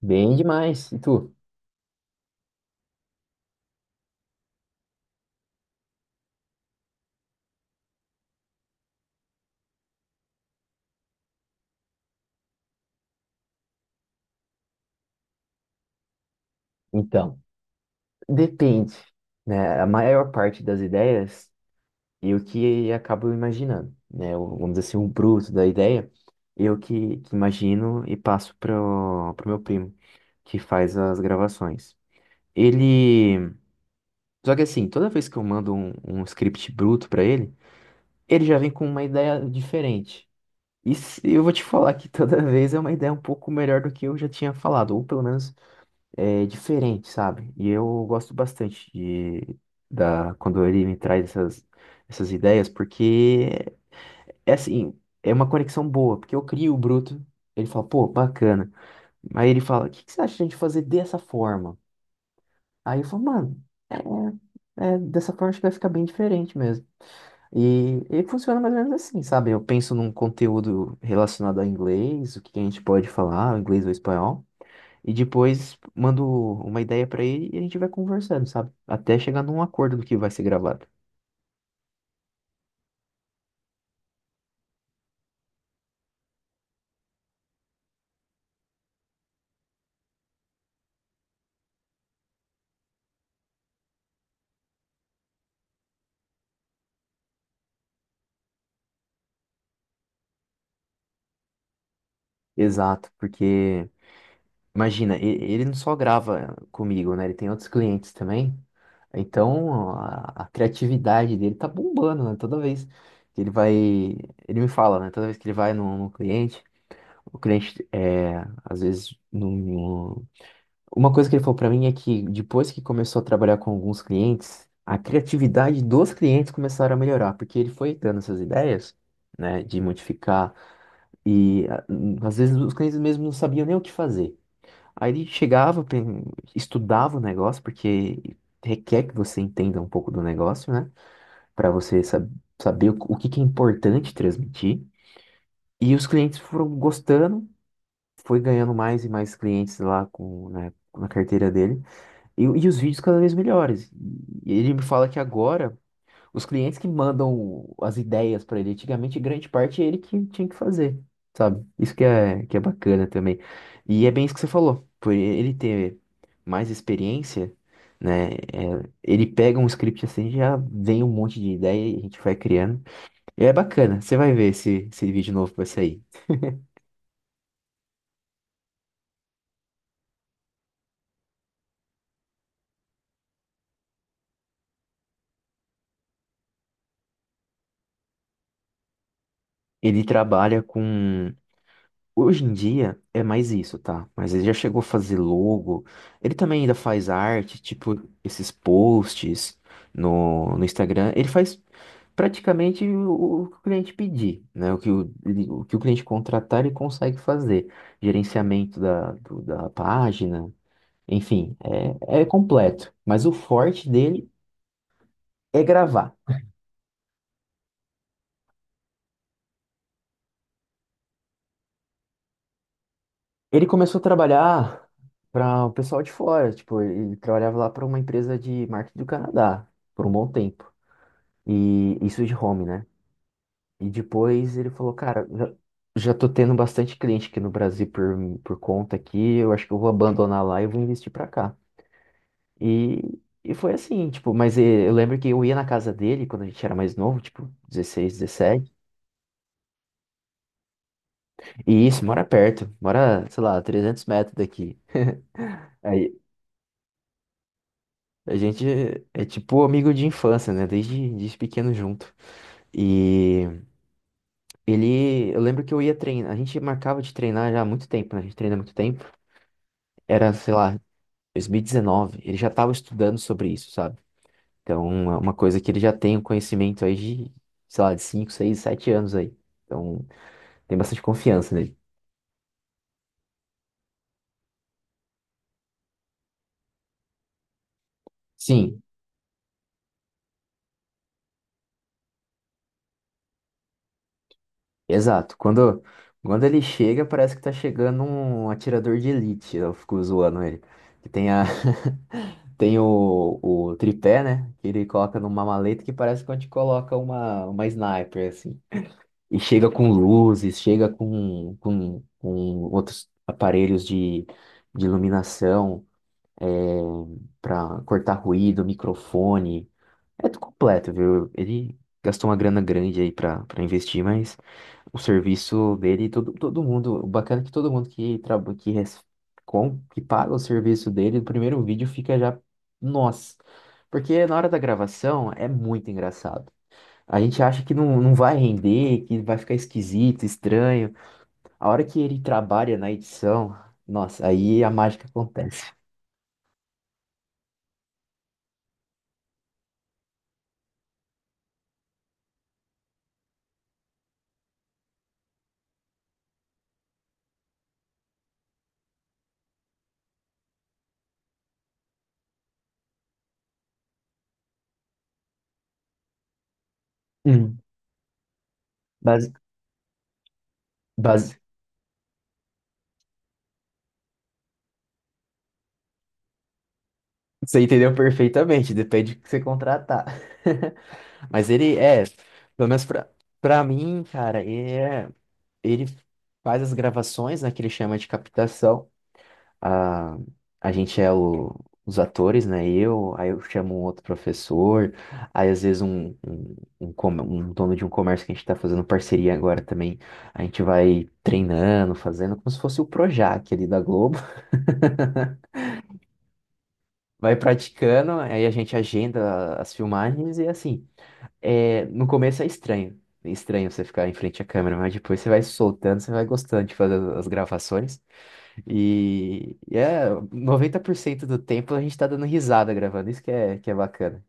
Bem demais. E tu? Então, depende, né? A maior parte das ideias eu que acabo imaginando, né? Vamos dizer assim, o bruto da ideia, eu que imagino e passo pro meu primo, que faz as gravações. Ele. Só que assim, toda vez que eu mando um script bruto pra ele, ele já vem com uma ideia diferente. Eu vou te falar que toda vez é uma ideia um pouco melhor do que eu já tinha falado, ou pelo menos é diferente, sabe? E eu gosto bastante de da quando ele me traz essas ideias, porque é assim, é uma conexão boa, porque eu crio o bruto, ele fala, pô, bacana. Aí ele fala, o que que você acha de a gente fazer dessa forma? Aí eu falo, mano, é, dessa forma acho que vai ficar bem diferente mesmo. E funciona mais ou menos assim, sabe? Eu penso num conteúdo relacionado a inglês, o que que a gente pode falar, inglês ou espanhol. E depois mando uma ideia pra ele e a gente vai conversando, sabe? Até chegar num acordo do que vai ser gravado. Exato, porque imagina, ele não só grava comigo, né? Ele tem outros clientes também. Então a criatividade dele tá bombando, né? Toda vez que ele vai, ele me fala, né? Toda vez que ele vai num cliente, o cliente é, às vezes não. Uma coisa que ele falou pra mim é que depois que começou a trabalhar com alguns clientes, a criatividade dos clientes começaram a melhorar, porque ele foi dando essas ideias, né, de modificar. Às vezes os clientes mesmo não sabiam nem o que fazer. Aí ele chegava, estudava o negócio, porque requer que você entenda um pouco do negócio, né, para você saber o que que é importante transmitir. E os clientes foram gostando, foi ganhando mais e mais clientes lá com, né, na carteira dele. E os vídeos cada vez melhores. E ele me fala que agora os clientes que mandam as ideias para ele, antigamente grande parte é ele que tinha que fazer, sabe? Isso que é bacana também. E é bem isso que você falou, por ele ter mais experiência, né? É, ele pega um script assim, já vem um monte de ideia e a gente vai criando. E é bacana, você vai ver esse vídeo novo que vai sair. Ele trabalha com. Hoje em dia é mais isso, tá? Mas ele já chegou a fazer logo. Ele também ainda faz arte, tipo esses posts no Instagram. Ele faz praticamente o que o cliente pedir, né? O que o cliente contratar, ele consegue fazer. Gerenciamento da página, enfim, é completo. Mas o forte dele é gravar. Ele começou a trabalhar para o pessoal de fora, tipo, ele trabalhava lá para uma empresa de marketing do Canadá por um bom tempo. E isso de home, né? E depois ele falou, cara, já tô tendo bastante cliente aqui no Brasil por conta aqui, eu acho que eu vou abandonar lá e vou investir pra cá. E, e foi assim, tipo, mas eu lembro que eu ia na casa dele quando a gente era mais novo, tipo, 16, 17. E isso, mora perto, mora, sei lá, 300 metros daqui. Aí a gente é tipo amigo de infância, né? Desde pequeno junto. E ele, eu lembro que eu ia treinar, a gente marcava de treinar já há muito tempo, né? A gente treina há muito tempo. Era, sei lá, 2019, ele já estava estudando sobre isso, sabe? Então, é uma coisa que ele já tem um conhecimento aí de, sei lá, de 5 6 7 anos aí. Então, tem bastante confiança nele. Sim, exato. Quando ele chega, parece que tá chegando um atirador de elite. Eu fico zoando ele. Que tem a... tem o tripé, né? Que ele coloca numa maleta que parece que a gente coloca uma sniper, assim. E chega com luzes, chega com outros aparelhos de iluminação, é, para cortar ruído, microfone. É tudo completo, viu? Ele gastou uma grana grande aí para investir, mas o serviço dele, todo mundo, o bacana é que todo mundo que trabalha, que paga o serviço dele, no primeiro vídeo fica já, nossa. Porque na hora da gravação é muito engraçado. A gente acha que não, não vai render, que vai ficar esquisito, estranho. A hora que ele trabalha na edição, nossa, aí a mágica acontece. Hum. Bas- bas- você entendeu perfeitamente, depende do que você contratar. Mas ele é, pelo menos pra mim, cara, ele faz as gravações, né, que ele chama de captação. a, a gente é os atores, né? Eu, aí eu chamo um outro professor, aí às vezes um dono de um comércio que a gente está fazendo parceria agora também, a gente vai treinando, fazendo como se fosse o Projac ali da Globo, vai praticando, aí a gente agenda as filmagens e assim, é, no começo é estranho. É estranho você ficar em frente à câmera, mas depois você vai soltando, você vai gostando de fazer as gravações. E é 90% do tempo a gente tá dando risada gravando, isso que é bacana.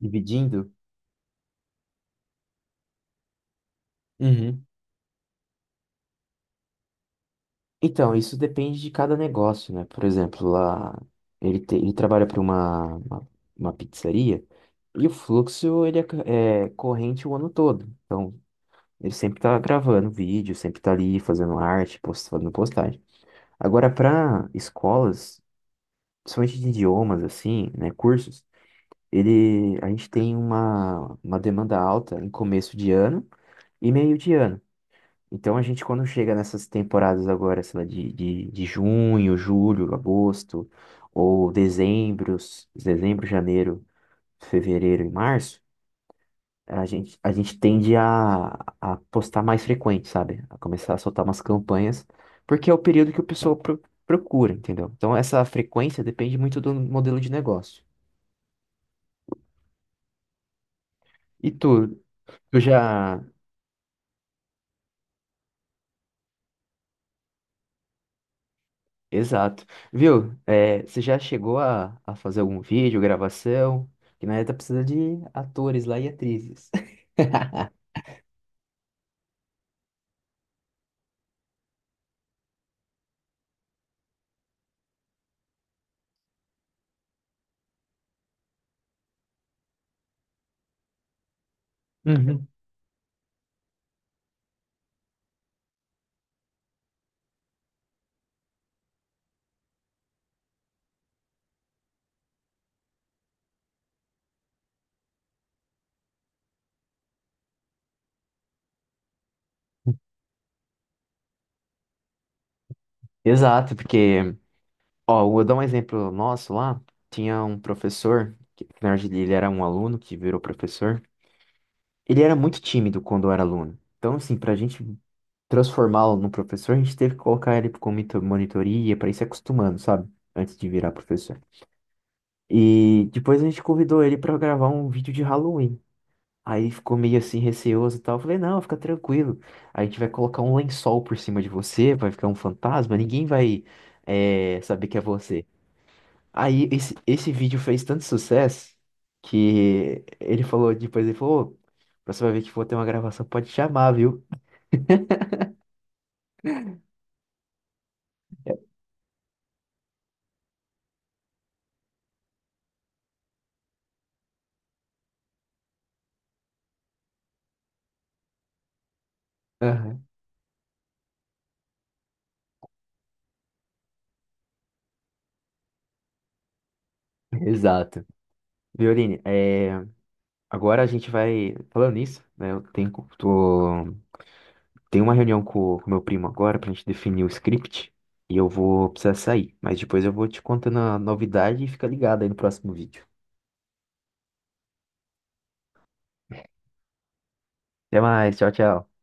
Dividindo. Uhum. Então, isso depende de cada negócio, né? Por exemplo, lá ele trabalha para uma, uma pizzaria e o fluxo ele é corrente o ano todo. Então, ele sempre tá gravando vídeo, sempre tá ali fazendo arte, post, fazendo postagem. Agora, para escolas, principalmente de idiomas, assim, né? Cursos. A gente tem uma demanda alta em começo de ano e meio de ano. Então a gente quando chega nessas temporadas agora, sei lá, de junho, julho, agosto, ou dezembro, janeiro, fevereiro e março, a gente tende a postar mais frequente, sabe? A começar a soltar umas campanhas, porque é o período que o pessoal procura, entendeu? Então essa frequência depende muito do modelo de negócio. E tu já. Exato. Viu? É, você já chegou a fazer algum vídeo, gravação? Que na verdade precisa de atores lá e atrizes. Uhum. Exato, porque, ó, eu vou dar um exemplo nosso lá. Tinha um professor, que na verdade ele era um aluno que virou professor. Ele era muito tímido quando era aluno. Então, assim, pra gente transformá-lo num professor, a gente teve que colocar ele com monitoria, pra ir se acostumando, sabe? Antes de virar professor. E depois a gente convidou ele pra gravar um vídeo de Halloween. Aí ficou meio assim receoso e tal. Eu falei, não, fica tranquilo. A gente vai colocar um lençol por cima de você, vai ficar um fantasma, ninguém vai saber que é você. Aí esse vídeo fez tanto sucesso que ele falou, "Ô, próxima vez que for ter uma gravação, pode chamar, viu?" Aham. Exato. Violine, agora a gente vai. Falando nisso, né? Eu tenho, tô Tem uma reunião com o meu primo agora pra gente definir o script e eu vou precisar sair, mas depois eu vou te contando a novidade e fica ligado aí no próximo vídeo. Até mais, tchau, tchau.